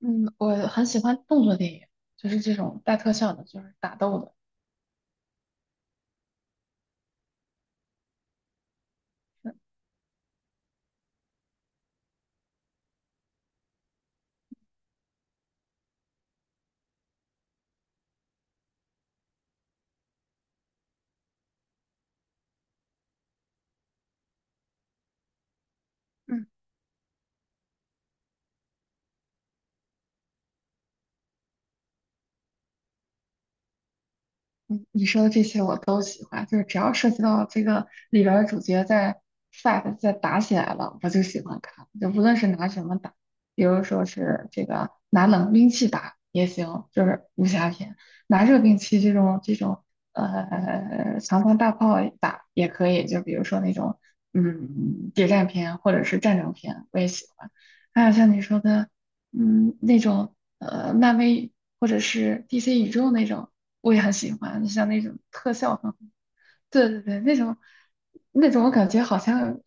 嗯，我很喜欢动作电影，就是这种带特效的，就是打斗的。嗯，你说的这些我都喜欢，就是只要涉及到这个里边儿的主角在 fight 在打起来了，我就喜欢看。就无论是拿什么打，比如说是这个拿冷兵器打也行，就是武侠片；拿热兵器这种长枪大炮打也可以，就比如说那种嗯谍战片或者是战争片，我也喜欢。还有像你说的。嗯，那种漫威或者是 DC 宇宙那种，我也很喜欢。像那种特效很好，对对对，那种我感觉好像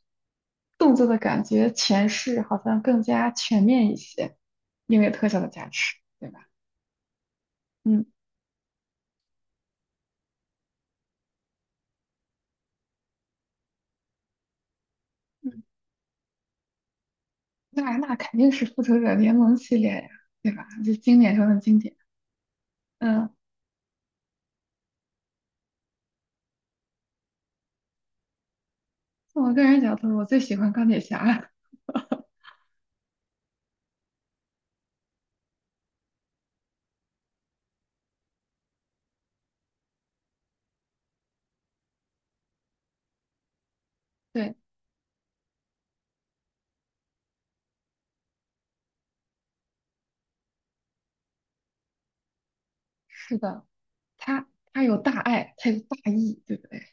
动作的感觉诠释好像更加全面一些，因为特效的加持，对吧？嗯嗯，那那肯定是复仇者联盟系列呀，对吧？就经典中的经典。嗯，从我个人角度，我最喜欢钢铁侠。对，是的，他他有大爱，他有大义，对不对？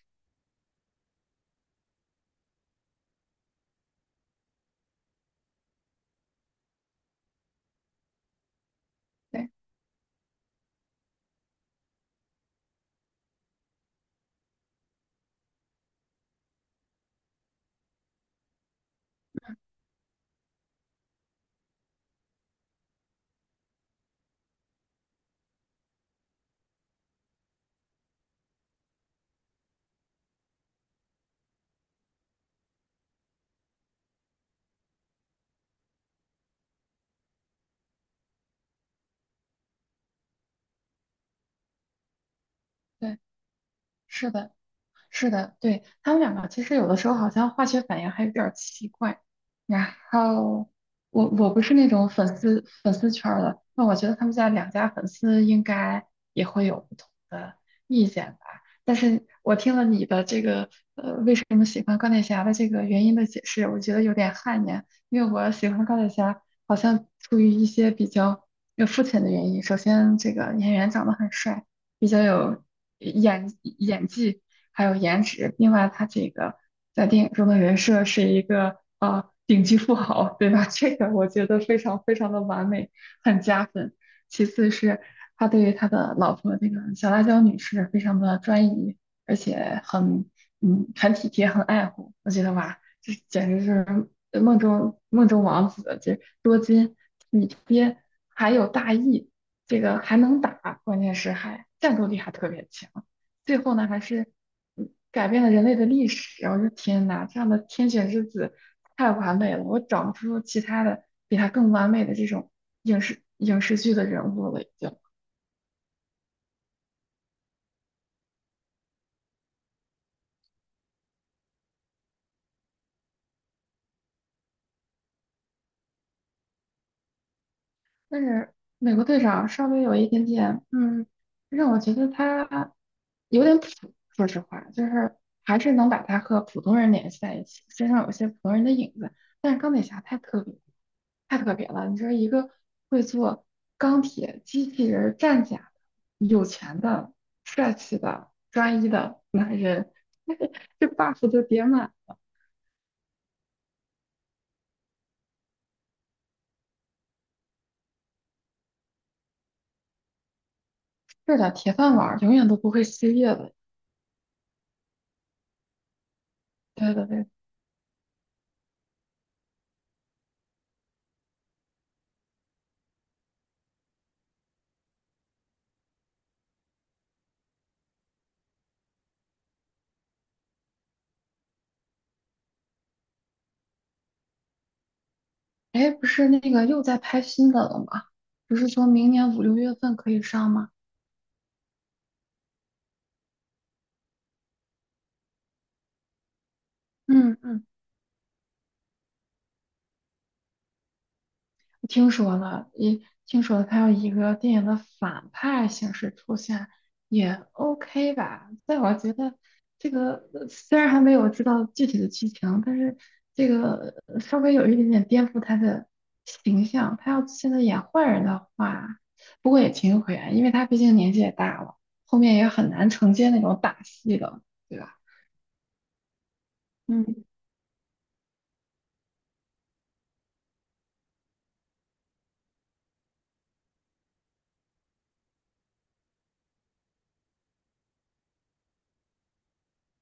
对。对是的，是的，对，他们两个其实有的时候好像化学反应还有点儿奇怪。然后我不是那种粉丝圈儿的，那我觉得他们家两家粉丝应该也会有不同的意见吧。但是我听了你的这个为什么喜欢钢铁侠的这个原因的解释，我觉得有点汗颜，因为我喜欢钢铁侠好像出于一些比较有肤浅的原因。首先，这个演员长得很帅，比较有演演技。还有颜值。另外，他这个在电影中的人设是一个顶级富豪，对吧？这个我觉得非常非常的完美，很加分。其次是他对于他的老婆那个小辣椒女士非常的专一，而且很体贴，很爱护。我觉得哇，这简直是梦中王子，这多金体贴，还有大义。这个还能打，关键是还战斗力还特别强。最后呢，还是改变了人类的历史。我说天哪，这样的天选之子太完美了，我找不出其他的比他更完美的这种影视剧的人物了，已经。但是美国队长稍微有一点点，嗯，让我觉得他有点普，说实话，就是还是能把他和普通人联系在一起，身上有些普通人的影子。但是钢铁侠太特别，太特别了。你说一个会做钢铁机器人儿战甲的有钱的、帅气的、专一的男人，这 buff 就叠满，这点铁饭碗儿永远都不会失业的。对对对哎，不是那个又在拍新的了吗？不是说明年五六月份可以上吗？嗯嗯，我听说了，也听说了，他要以一个电影的反派形式出现，也 OK 吧？但我觉得这个虽然还没有知道具体的剧情，但是这个稍微有一点点颠覆他的形象。他要现在演坏人的话，不过也情有可原，因为他毕竟年纪也大了，后面也很难承接那种打戏的，对吧？嗯。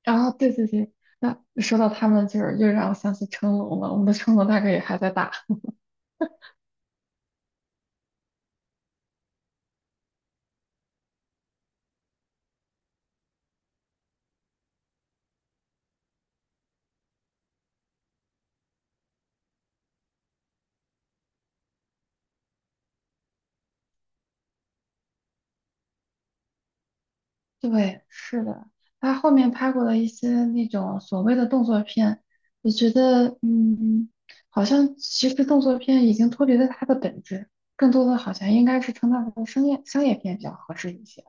然后对对对，那说到他们，就是又让我想起成龙了。我们的成龙大哥也还在打。对，是的，他后面拍过的一些那种所谓的动作片，我觉得，嗯，好像其实动作片已经脱离了它的本质，更多的好像应该是称它为商业片比较合适一些。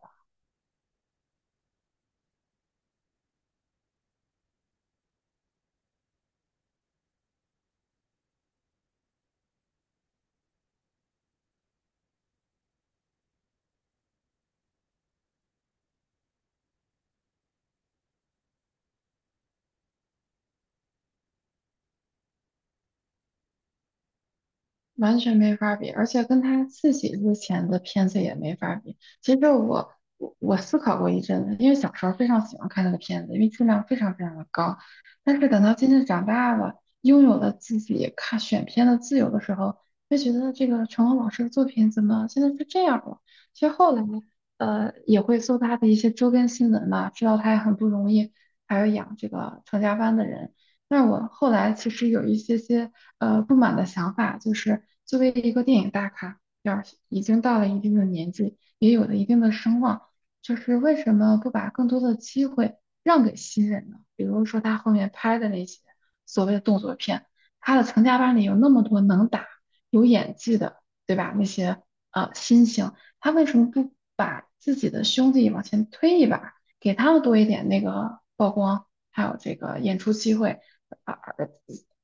完全没法比，而且跟他自己之前的片子也没法比。其实我思考过一阵子，因为小时候非常喜欢看他的片子，因为质量非常非常的高。但是等到渐渐长大了，拥有了自己看选片的自由的时候，就觉得这个成龙老师的作品怎么现在是这样了？其实后来也会搜他的一些周边新闻嘛，知道他也很不容易，还要养这个成家班的人。但是我后来其实有一些不满的想法，就是作为一个电影大咖，要是已经到了一定的年纪，也有了一定的声望，就是为什么不把更多的机会让给新人呢？比如说他后面拍的那些所谓的动作片，他的成家班里有那么多能打、有演技的，对吧？那些新星，他为什么不把自己的兄弟往前推一把，给他们多一点那个曝光，还有这个演出机会？啊，而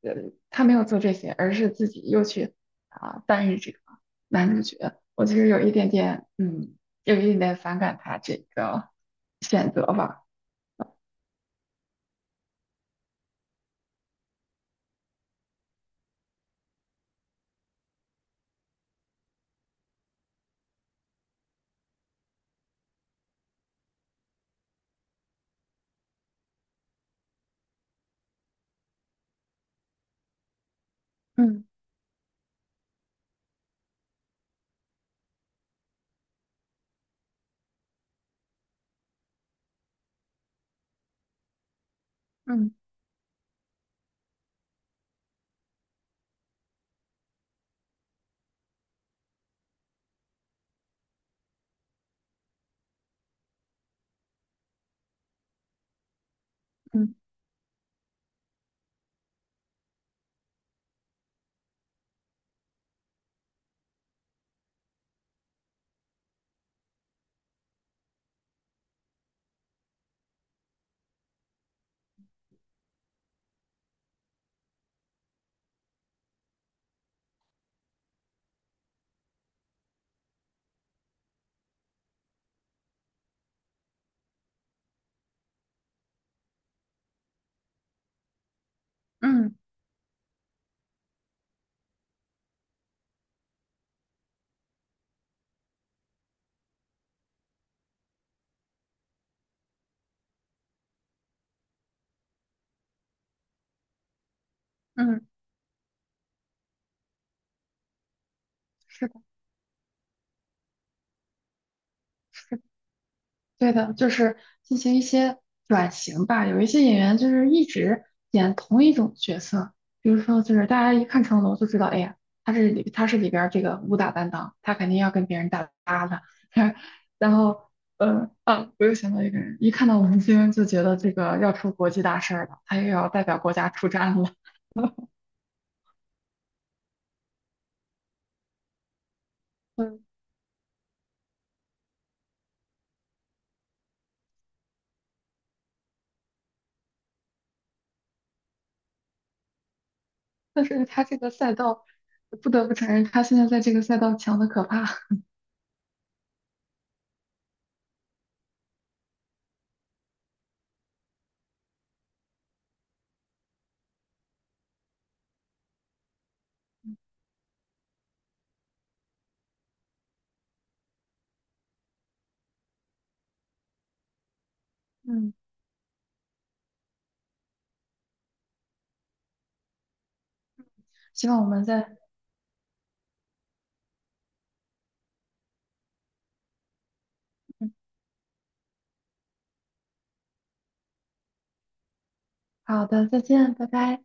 他没有做这些，而是自己又去扮演这个男主角。我其实有一点点，嗯，有一点点反感他这个选择吧。嗯嗯嗯嗯嗯，是的，是的。对的，就是进行一些转型吧。有一些演员就是一直演同一种角色，比如说就是大家一看成龙就知道，哎呀，他是里边儿这个武打担当，他肯定要跟别人打搭的。然后，我又想到一个人，一看到吴京就觉得这个要出国际大事儿了，他又要代表国家出战了。嗯，但是他这个赛道，不得不承认，他现在在这个赛道强的可怕。嗯，希望我们在，嗯，好的，再见，拜拜。